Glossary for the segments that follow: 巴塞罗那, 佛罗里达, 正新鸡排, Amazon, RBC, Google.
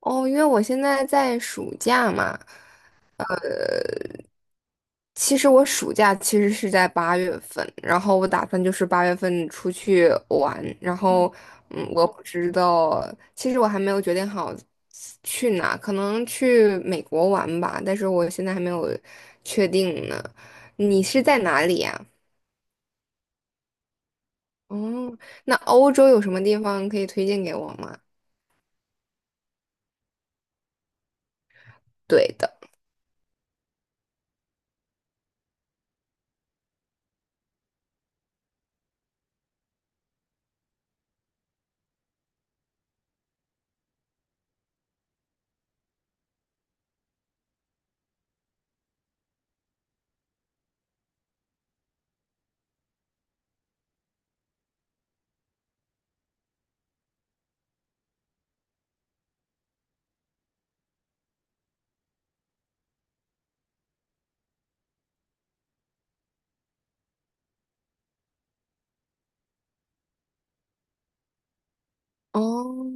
哦，因为我现在在暑假嘛，其实我暑假是在八月份，然后我打算就是八月份出去玩，然后我不知道，其实我还没有决定好去哪，可能去美国玩吧，但是我现在还没有确定呢。你是在哪里呀？哦，那欧洲有什么地方可以推荐给我吗？对的。哦，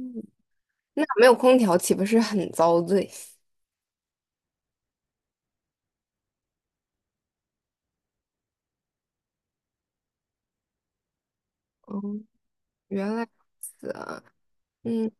那没有空调岂不是很遭罪？哦，原来如此啊。嗯。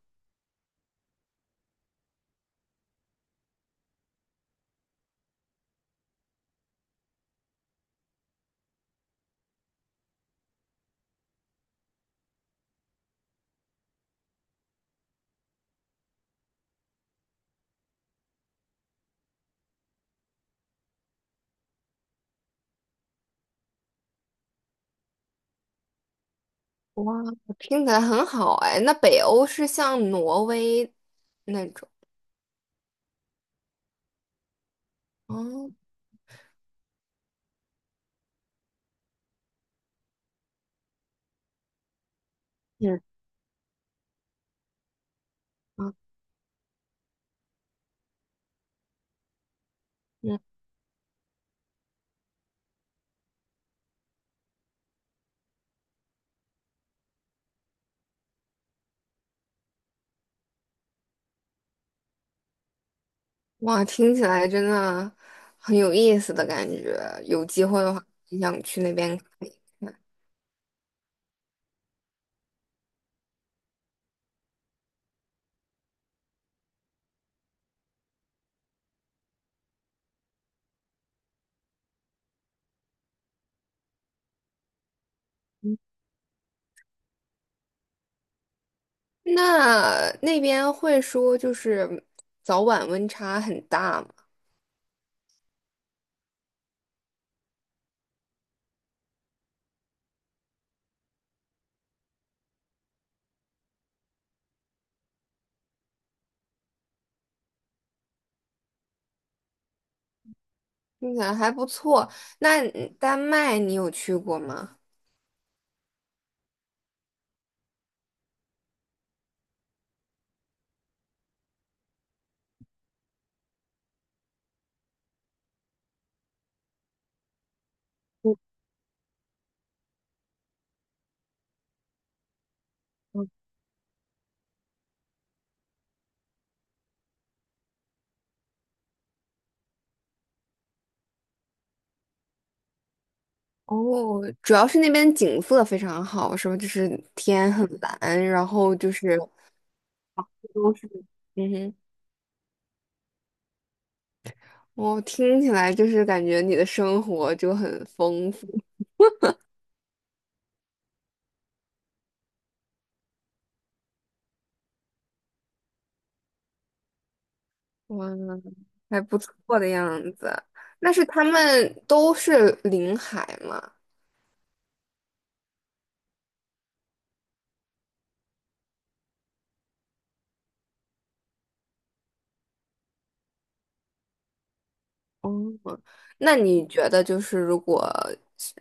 哇，听起来很好哎。那北欧是像挪威那种？哦。嗯。啊。嗯。哇，听起来真的很有意思的感觉。有机会的话，很想去那边看一看。那那边会说就是早晚温差很大吗？听起来还不错。那丹麦你有去过吗？哦，主要是那边景色非常好，是吧？就是天很蓝，然后就是。都是。嗯哼。我听起来就是感觉你的生活就很丰富。哇，还不错的样子。那是他们都是临海吗？哦，那你觉得就是如果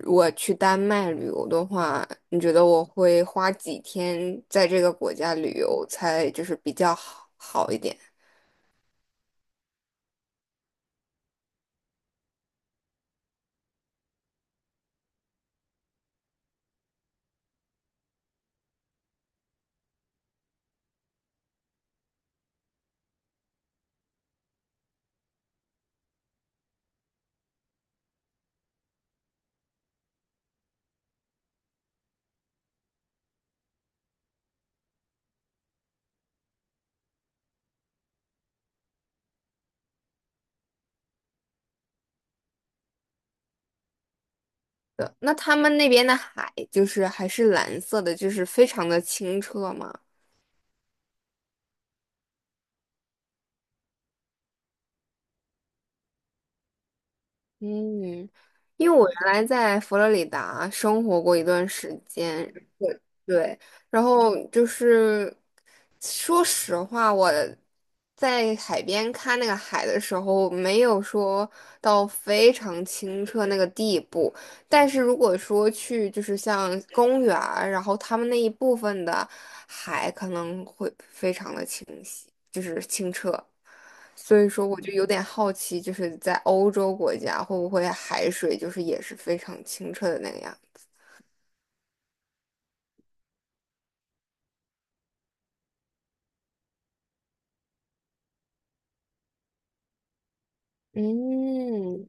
我去丹麦旅游的话，你觉得我会花几天在这个国家旅游才就是比较好一点的？那他们那边的海就是还是蓝色的，就是非常的清澈吗？嗯，因为我原来在佛罗里达生活过一段时间。对，然后就是说实话，我在海边看那个海的时候，没有说到非常清澈那个地步，但是如果说去就是像公园儿然后他们那一部分的海可能会非常的清晰，就是清澈。所以说，我就有点好奇，就是在欧洲国家会不会海水就是也是非常清澈的那个样子？嗯。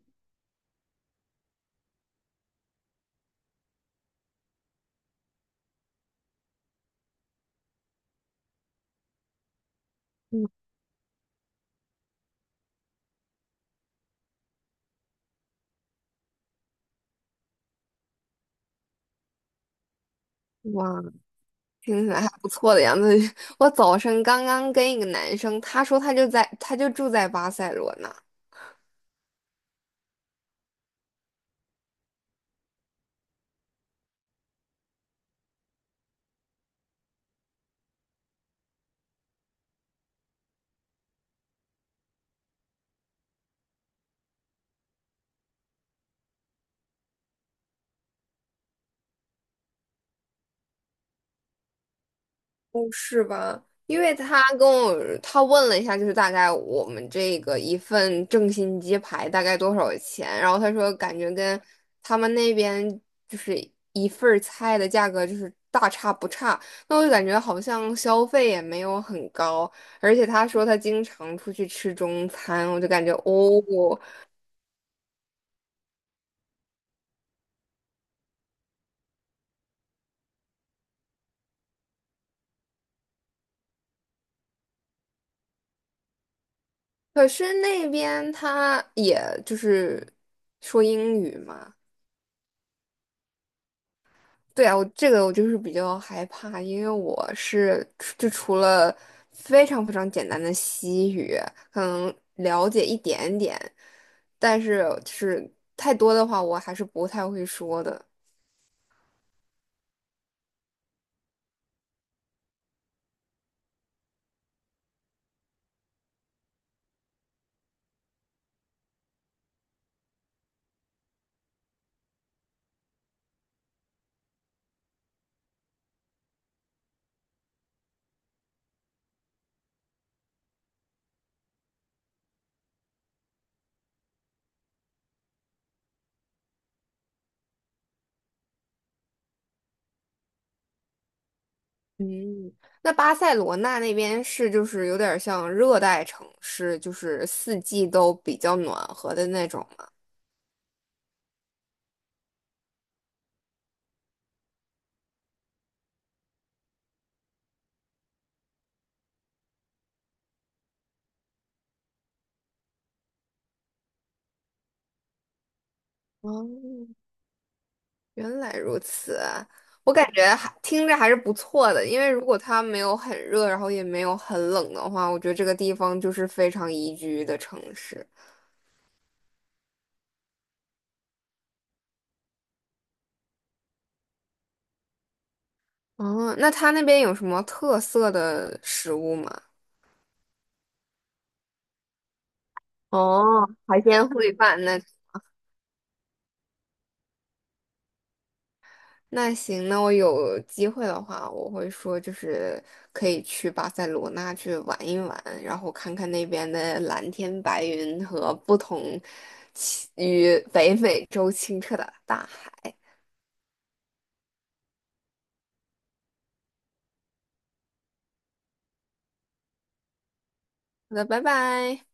哇，听起来还不错的样子。我早上刚刚跟一个男生，他就住在巴塞罗那。哦，是吧？因为他跟我他问了一下，就是大概我们这个一份正新鸡排大概多少钱，然后他说感觉跟他们那边就是一份儿菜的价格就是大差不差，那我就感觉好像消费也没有很高，而且他说他经常出去吃中餐，我就感觉哦。可是那边他也就是说英语嘛。对啊，我这个我就是比较害怕，因为我除了非常非常简单的西语，可能了解一点点，但是就是太多的话，我还是不太会说的。嗯，那巴塞罗那那边是就是有点像热带城市，就是四季都比较暖和的那种吗？哦，原来如此啊。我感觉还听着还是不错的，因为如果它没有很热，然后也没有很冷的话，我觉得这个地方就是非常宜居的城市。哦，那它那边有什么特色的食物吗？哦，海鲜烩饭。那 那行，那我有机会的话，我会说就是可以去巴塞罗那去玩一玩，然后看看那边的蓝天白云和不同其与北美洲清澈的大海。好的，拜拜。